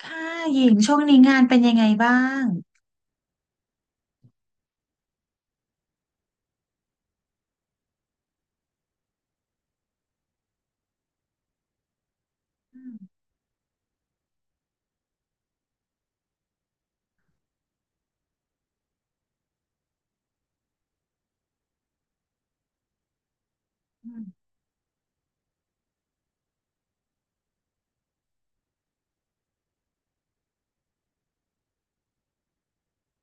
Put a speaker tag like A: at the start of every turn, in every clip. A: ค่ะหญิงช่วงนี้งานเป็นยังไงบ้างอืมอืม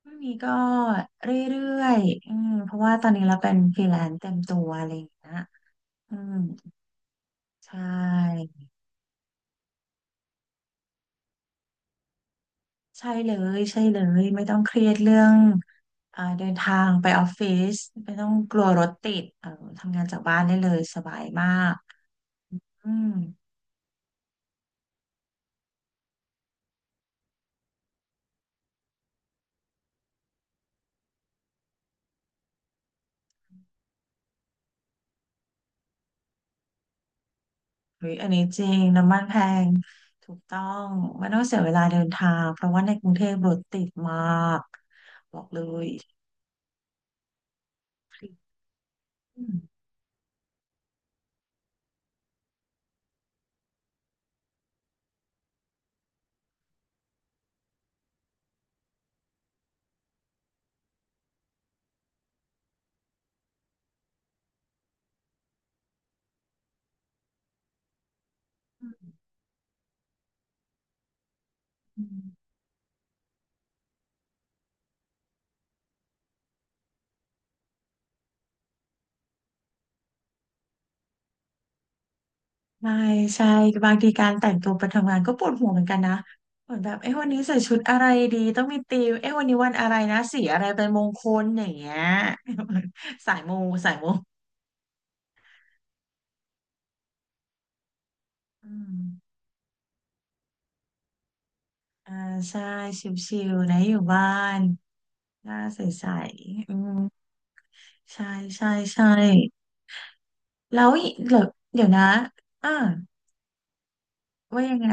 A: ช่วงนี้ก็เรื่อยๆอืมเพราะว่าตอนนี้เราเป็นฟรีแลนซ์เต็มตัวอะไรอย่างเงี้ยอืมใช่ใช่เลยใช่เลยไม่ต้องเครียดเรื่องเดินทางไปออฟฟิศไม่ต้องกลัวรถติดเออทำงานจากบ้านได้เลยสบายมากอืมเฮ้ยอันนี้จริงน้ำมันแพงถูกต้องไม่ต้องเสียเวลาเดินทางเพราะว่าในกรุงเทพรถติดมากบอกเลย อืมอืมใช่ใช่บางทีการแต่งตัวไปทำงานก็ปวดหัวเหมือนกันนะเหมือนแบบเอ้วันนี้ใส่ชุดอะไรดีต้องมีธีมเอ้วันนี้วันอะไรนะสีอะไรเป็นมงคลอย่างเงี้ย สายมูสายมูอืมอ่าใช่ชิวๆนะอยู่บ้านหน้าใสๆอืมใช่ใช่ใช่แล้วอีเดี๋ยวเดี๋ยวนะอ่าว่ายังไง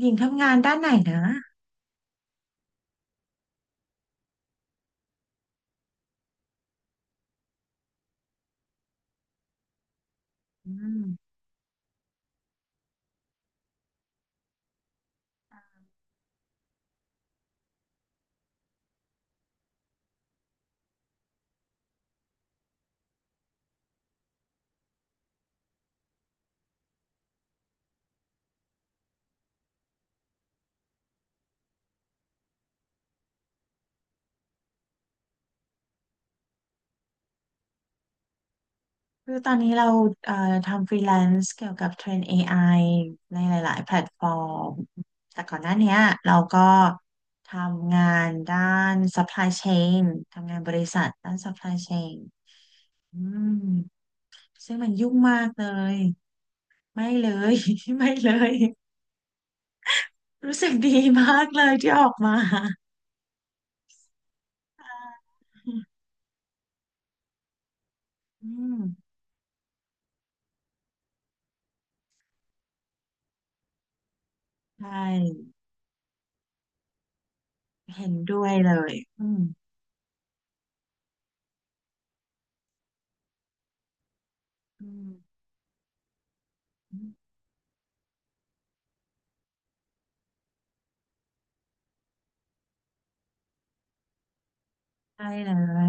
A: หญิงทำงานด้านไหนนะอืม คือตอนนี้เราเอ่อทำฟรีแลนซ์เกี่ยวกับเทรน AI ในหลาย ๆ แพลตฟอร์ม แต่ก่อนหน้าเนี้ยเราก็ทำงานด้าน supply chain ทำงานบริษัทด้าน supply chain อืมซึ่งมันยุ่งมากเลย ไม่เลย ไม่เลย รู้สึกดีมากเลยที่ออกมา อาอืมใช่ เห็นด้วยเลยอืมอืมใช่เลย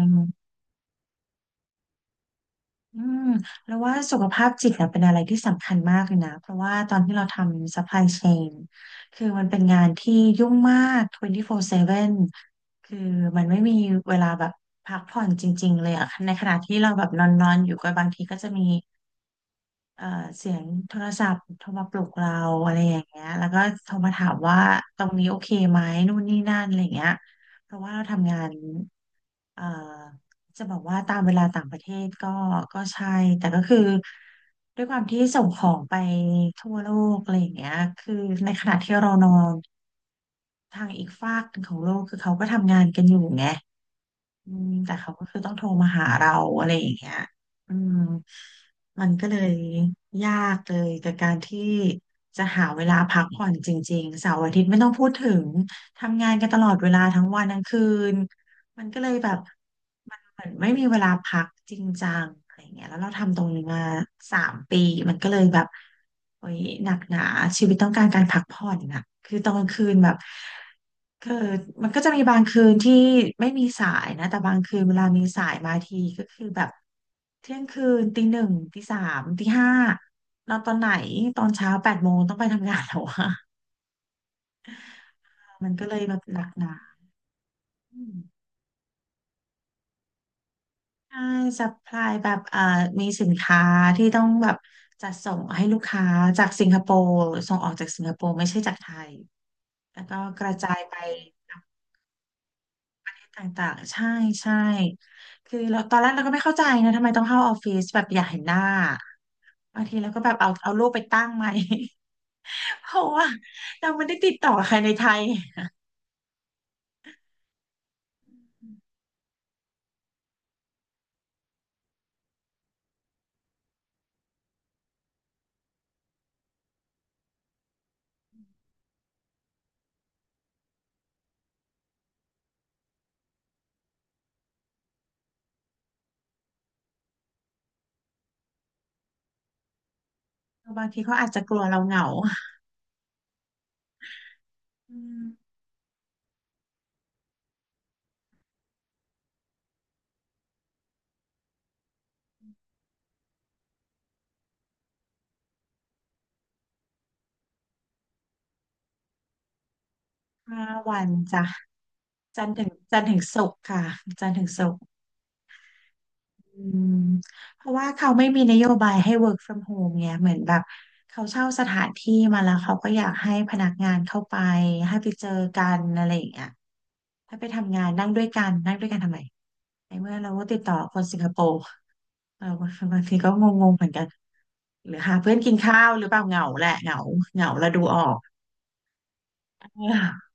A: อืมแล้วว่าสุขภาพจิตเนี่ยเป็นอะไรที่สำคัญมากเลยนะเพราะว่าตอนที่เราทำ supply chain คือมันเป็นงานที่ยุ่งมาก24/7คือมันไม่มีเวลาแบบพักผ่อนจริงๆเลยอะในขณะที่เราแบบนอนๆอยู่ก็บางทีก็จะมี เอ่อเสียงโทรศัพท์โทรมาปลุกเราอะไรอย่างเงี้ยแล้วก็โทรมาถามว่าตรงนี้โอเคไหมนู่นนี่นั่นอะไรอย่างเงี้ยเพราะว่าเราทำงานเอ่อจะบอกว่าตามเวลาต่างประเทศก็ก็ใช่แต่ก็คือด้วยความที่ส่งของไปทั่วโลกอะไรอย่างเงี้ยคือในขณะที่เรานอนทางอีกฟากหนึ่งของโลกคือเขาก็ทำงานกันอยู่ไง อืมแต่เขาก็คือต้องโทรมาหาเราอะไรอย่างเงี้ยอืมมันก็เลยยากเลยกับการที่จะหาเวลาพักผ่อนจริงๆเสาร์อาทิตย์ไม่ต้องพูดถึงทำงานกันตลอดเวลาทั้งวันทั้งคืนมันก็เลยแบบมันเหมือนไม่มีเวลาพักจริงจังอะไรเงี้ยแล้วเราทำตรงนี้มา3 ปีมันก็เลยแบบโอ้ยหนักหนาชีวิตต้องการการพักผ่อนน่ะคือตอนกลางคืนแบบ คือมันก็จะมีบางคืนที่ไม่มีสายนะแต่บางคืนเวลามีสายมาทีก็คือแบบเที่ยงคืนตีหนึ่งตีสามตีห้านอนตอนไหนตอนเช้า8 โมงต้องไปทำงานแล้วอะมันก็เลยแบบหนักหนาอืมใช่ซัพพลายแบบมีสินค้าที่ต้องแบบจัดส่งให้ลูกค้าจากสิงคโปร์ส่งออกจากสิงคโปร์ไม่ใช่จากไทยแล้วก็กระจายไป ต่างๆ ใช่ใช่คือเราตอนแรกเราก็ไม่เข้าใจนะทำไมต้องเข้าออฟฟิศแบบอยากเห็นหน้า บางทีเราก็แบบเอาเอารูปไปตั้งไหม เพราะว่าเราไม่ได้ติดต่อใครในไทย บางทีเขาอาจจะกลัวเราเหงาอืม5 วันจ้ะจันทร์ถึงศุกร์ค่ะจันทร์ถึงศุกร์อืมเพราะว่าเขาไม่มีนโยบายให้ work from home ไงเหมือนแบบเขาเช่าสถานที่มาแล้วเขาก็อยากให้พนักงานเข้าไปให้ไปเจอกันอะไรอย่างเงี้ย ถ้าไปทำงานนั่งด้วยกันนั่งด้วยกันทำไมในเมื่อเราก็ติดต่อคนสิงคโปร์เราบางทีก็งงๆเหมือนกันหรือหาเพื่อนกินข้าวหรือเปล่าเหงาแหละเหงาเหงาเราดูออก เออ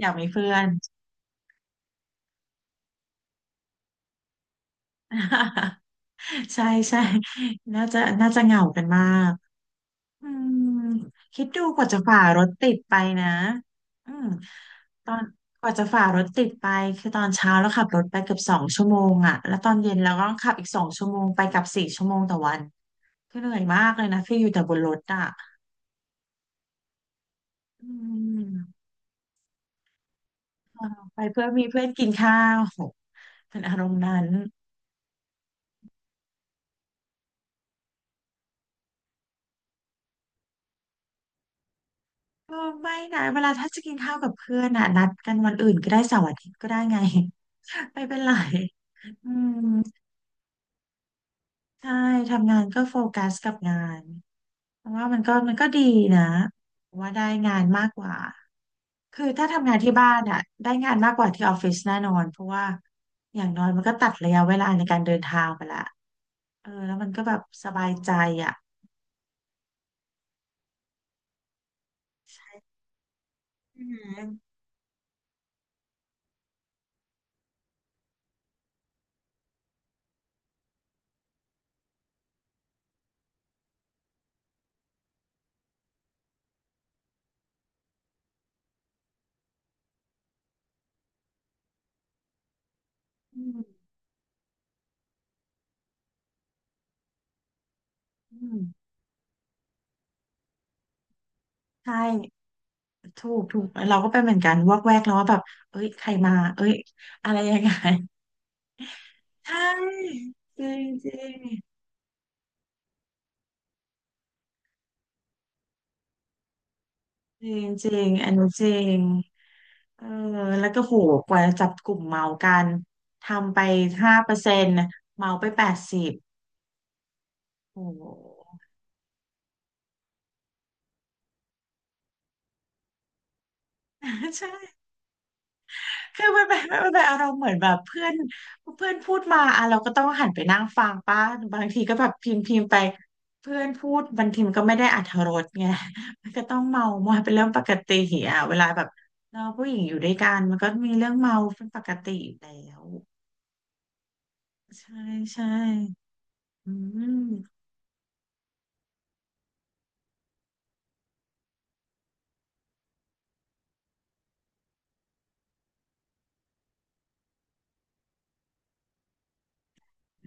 A: อยากมีเพื่อน ใช่ใช่น่าจะเหงากันมากอืมคิดดูกว่าจะฝ่ารถติดไปนะอืมตอนกว่าจะฝ่ารถติดไปคือตอนเช้าแล้วขับรถไปเกือบสองชั่วโมงอ่ะแล้วตอนเย็นเราก็ต้องขับอีกสองชั่วโมงไปกลับ4 ชั่วโมงต่อวัน คือเหนื่อยมากเลยนะคืออยู่แต่บนรถอ่ะอืมไปเพื่อมีเพื่อนกินข้าวโหเป็นอารมณ์นั้นก็ไม่นะเวลาถ้าจะกินข้าวกับเพื่อนอ่ะนัดกันวันอื่นก็ได้เสาร์อาทิตย์ก็ได้ไง ไม่เป็นไรอืมใช่ทำงานก็โฟกัสกับงานเพราะว่ามันก็ดีนะว่าได้งานมากกว่า คือถ้าทำงานที่บ้านอ่ะได้งานมากกว่าที่ออฟฟิศแน่นอนเพราะว่าอย่างน้อยมันก็ตัดระยะเวลาในการเดินทางไปละเออแล้วมันก็แบบสบายใจอ่ะอือหือืมอืมใช่ถูกถูกเราก็เป็นเหมือนกันวอกแวกแล้วว่าแบบเอ้ยใครมาเอ้ยอะไรยังไง ใช่จริงจริงจริงจริงอันนี้จริงเออแล้วก็โหกว่าจะจับกลุ่มเมากันทำไป5%เมาไป80 โอ้โห ใช่คือมันเป็นอารมณ์เหมือนแบบเพื่อนเพื่อนพูดมาอ่ะเราก็ต้องหันไปนั่งฟังป้าบางทีก็แบบพิมพ์พิมพ์ไปเพื่อนพูดบางทีมันก็ไม่ได้อรรถรสไง มันก็ต้องเมามอยเป็นเรื่องปกติอ่ะเวลาแบบเราผู้หญิงอยู่ด้วยกันมันก็มีเรื่องเมาเป็นปกติอยู่แล้วใช่ใช่อืมอื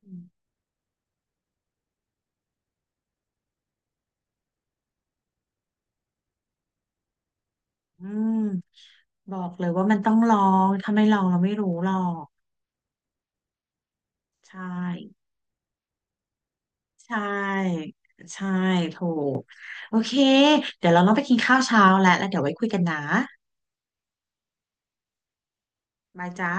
A: มอบอกเลยว่ามันต้องลองถ้าไม่ลองเราไม่รู้หรอกใช่ ใช่ใช่ถูกโอเคเดี๋ยวเราต้องไปกินข้าวเช้าแล้วแล้วเดี๋ยวไว้คุยกันนะบายจ้า